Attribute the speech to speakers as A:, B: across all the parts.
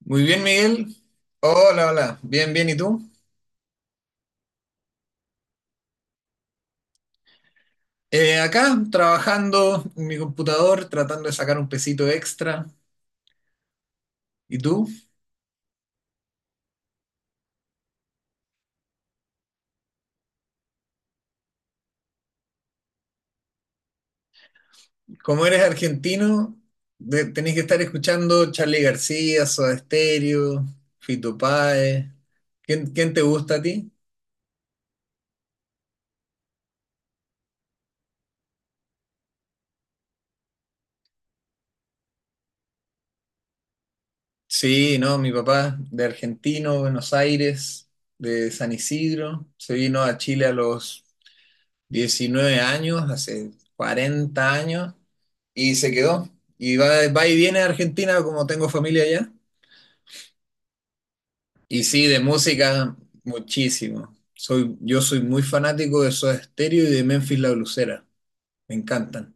A: Muy bien, Miguel. Hola, hola. Bien, bien. ¿Y tú? Acá, trabajando en mi computador, tratando de sacar un pesito extra. ¿Y tú? Como eres argentino, tenés que estar escuchando Charly García, Soda Stereo, Fito Páez. ¿Quién te gusta a ti? Sí, no, mi papá de argentino, Buenos Aires, de San Isidro, se vino a Chile a los 19 años, hace 40 años, y se quedó. Y va, va y viene a Argentina, como tengo familia allá. Y sí, de música, muchísimo. Yo soy muy fanático de Soda Stereo y de Memphis La Blusera. Me encantan.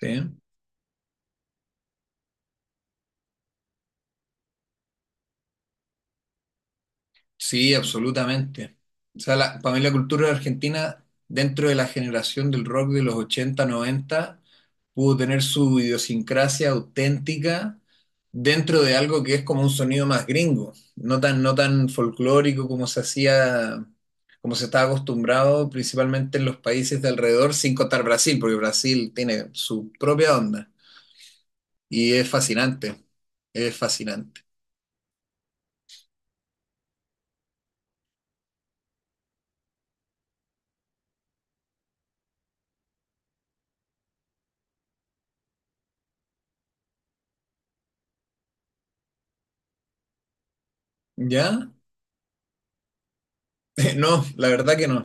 A: ¿Sí? Sí, absolutamente. O sea, para mí la cultura argentina, dentro de la generación del rock de los 80 90 pudo tener su idiosincrasia auténtica dentro de algo que es como un sonido más gringo, no tan, no tan folclórico como se hacía, como se estaba acostumbrado principalmente en los países de alrededor, sin contar Brasil, porque Brasil tiene su propia onda y es fascinante, es fascinante. ¿Ya? No, la verdad que no.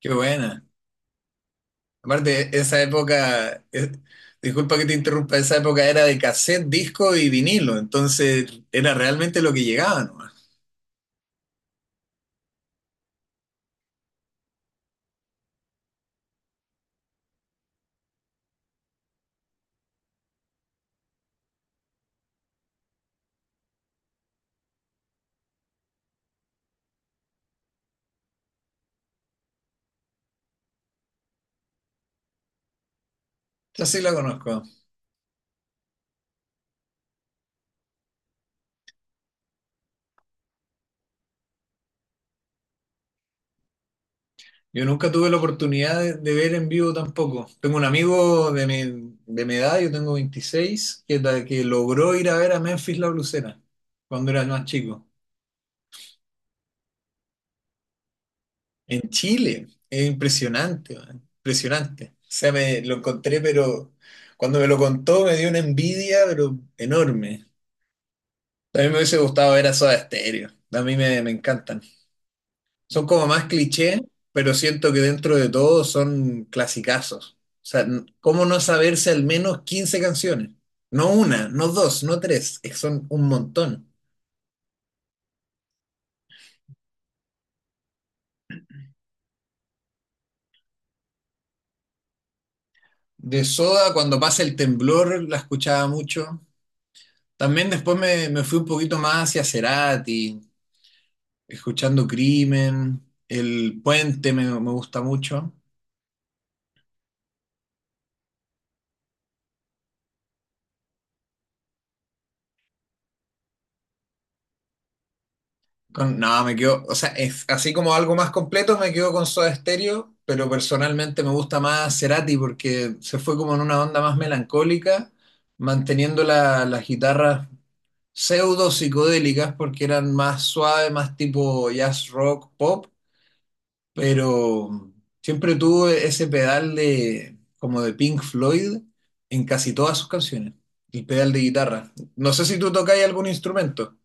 A: Qué buena. Aparte, esa época, disculpa que te interrumpa, esa época era de cassette, disco y vinilo, entonces era realmente lo que llegaba nomás. Esa sí la conozco. Yo nunca tuve la oportunidad de ver en vivo tampoco. Tengo un amigo de de mi edad, yo tengo 26, que logró ir a ver a Memphis La Blusera cuando era más chico. En Chile, es impresionante, man, impresionante. O sea, me lo encontré, pero cuando me lo contó me dio una envidia, pero enorme. A mí me hubiese gustado ver a Soda Stereo. A mí me encantan. Son como más cliché, pero siento que dentro de todo son clasicazos. O sea, ¿cómo no saberse al menos 15 canciones? No una, no dos, no tres. Es que son un montón. De Soda, cuando pasa el temblor, la escuchaba mucho. También después me fui un poquito más hacia Cerati, escuchando Crimen. El Puente me gusta mucho. No, me quedo, o sea, es, así como algo más completo me quedo con Soda Stereo, pero personalmente me gusta más Cerati porque se fue como en una onda más melancólica, manteniendo las guitarras pseudo psicodélicas porque eran más suaves, más tipo jazz rock, pop, pero siempre tuvo ese pedal de como de Pink Floyd en casi todas sus canciones, el pedal de guitarra. No sé si tú tocáis algún instrumento.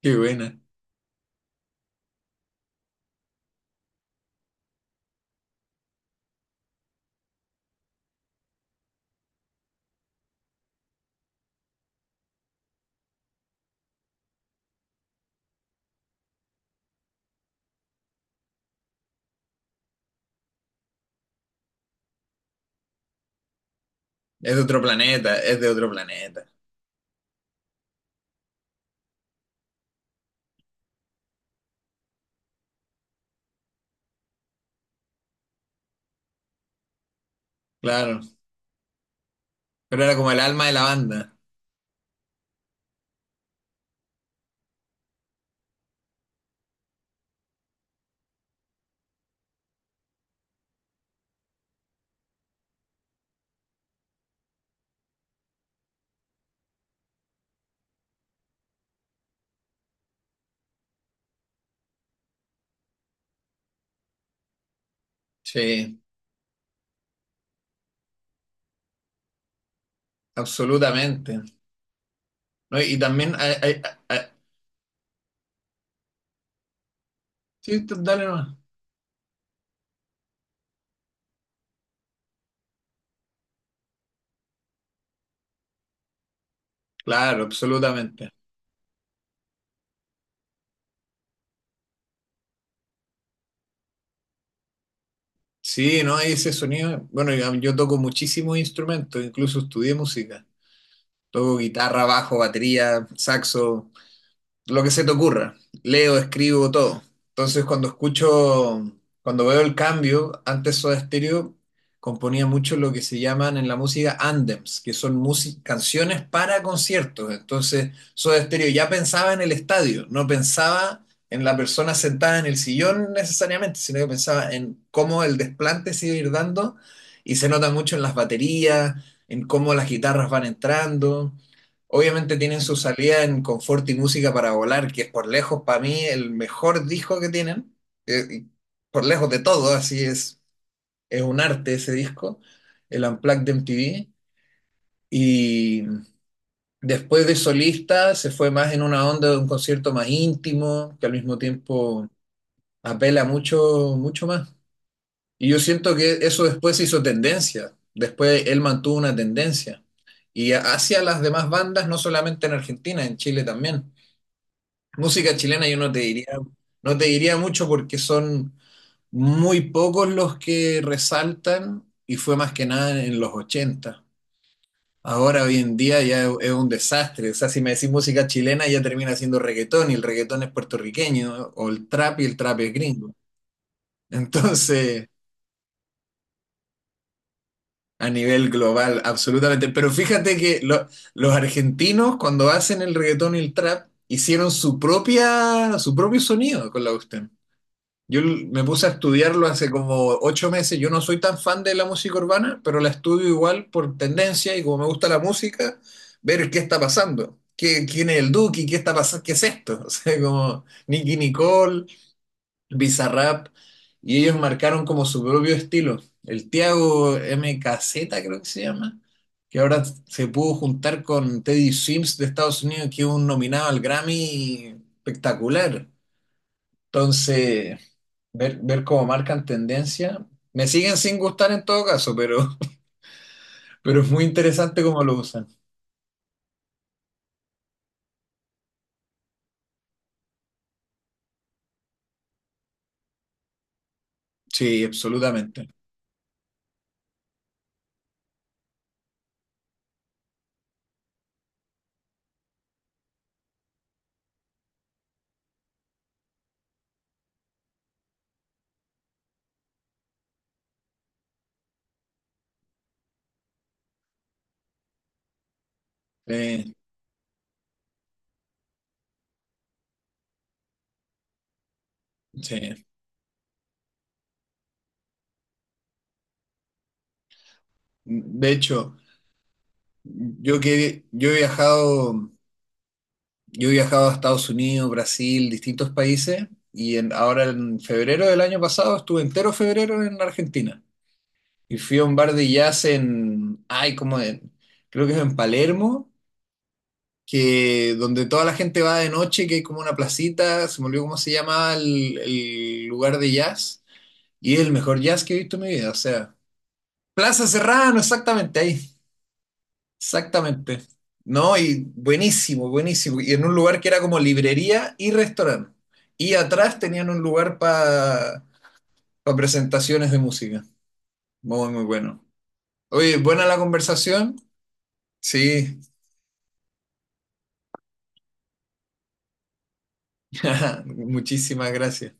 A: Qué buena. Es de otro planeta, es de otro planeta. Claro. Pero era como el alma de la banda. Sí, absolutamente. ¿No? Y también hay- sí, tú dale nomás. Claro, absolutamente. Sí, ¿no? Y ese sonido. Bueno, yo toco muchísimos instrumentos, incluso estudié música. Toco guitarra, bajo, batería, saxo. Lo que se te ocurra. Leo, escribo todo. Entonces, cuando escucho, cuando veo el cambio, antes Soda Stereo componía mucho lo que se llaman en la música anthems, que son canciones para conciertos. Entonces, Soda Stereo ya pensaba en el estadio, no pensaba en la persona sentada en el sillón necesariamente, sino que pensaba en cómo el desplante se iba a ir dando y se nota mucho en las baterías, en cómo las guitarras van entrando. Obviamente tienen su salida en Confort y Música para Volar, que es por lejos para mí el mejor disco que tienen, y por lejos de todo, así es un arte ese disco, el Unplugged de MTV. Y después de solista se fue más en una onda de un concierto más íntimo, que al mismo tiempo apela mucho, mucho más. Y yo siento que eso después se hizo tendencia, después él mantuvo una tendencia. Y hacia las demás bandas, no solamente en Argentina, en Chile también. Música chilena yo no te diría, no te diría mucho porque son muy pocos los que resaltan y fue más que nada en los 80. Ahora, hoy en día ya es un desastre. O sea, si me decís música chilena ya termina siendo reggaetón y el reggaetón es puertorriqueño, ¿no? O el trap, y el trap es gringo. Entonces, a nivel global, absolutamente. Pero fíjate que los argentinos cuando hacen el reggaetón y el trap hicieron su propia, su propio sonido con la voz. Me puse a estudiarlo hace como 8 meses. Yo no soy tan fan de la música urbana, pero la estudio igual por tendencia y como me gusta la música, ver qué está pasando. ¿Qué, quién es el Duki? ¿Qué está pasando? ¿Qué es esto? O sea, como Nicki Nicole, Bizarrap, y ellos marcaron como su propio estilo. El Tiago MKZ, creo que se llama, que ahora se pudo juntar con Teddy Sims de Estados Unidos, que es un nominado al Grammy espectacular. Entonces. Ver, ver cómo marcan tendencia. Me siguen sin gustar en todo caso, pero, pero es muy interesante cómo lo usan. Sí, absolutamente. Sí, sí. De hecho, yo que yo he viajado, yo he viajado a Estados Unidos, Brasil, distintos países, y ahora en febrero del año pasado estuve entero febrero en Argentina. Y fui a un bar de jazz en, ay, como en, creo que es en Palermo. Que donde toda la gente va de noche, que hay como una placita, se me olvidó cómo se llamaba el lugar de jazz, y es el mejor jazz que he visto en mi vida, o sea, Plaza Serrano, exactamente ahí, exactamente. No, y buenísimo, buenísimo. Y en un lugar que era como librería y restaurante. Y atrás tenían un lugar para presentaciones de música. Muy, muy bueno. Oye, buena la conversación. Sí, muchísimas gracias.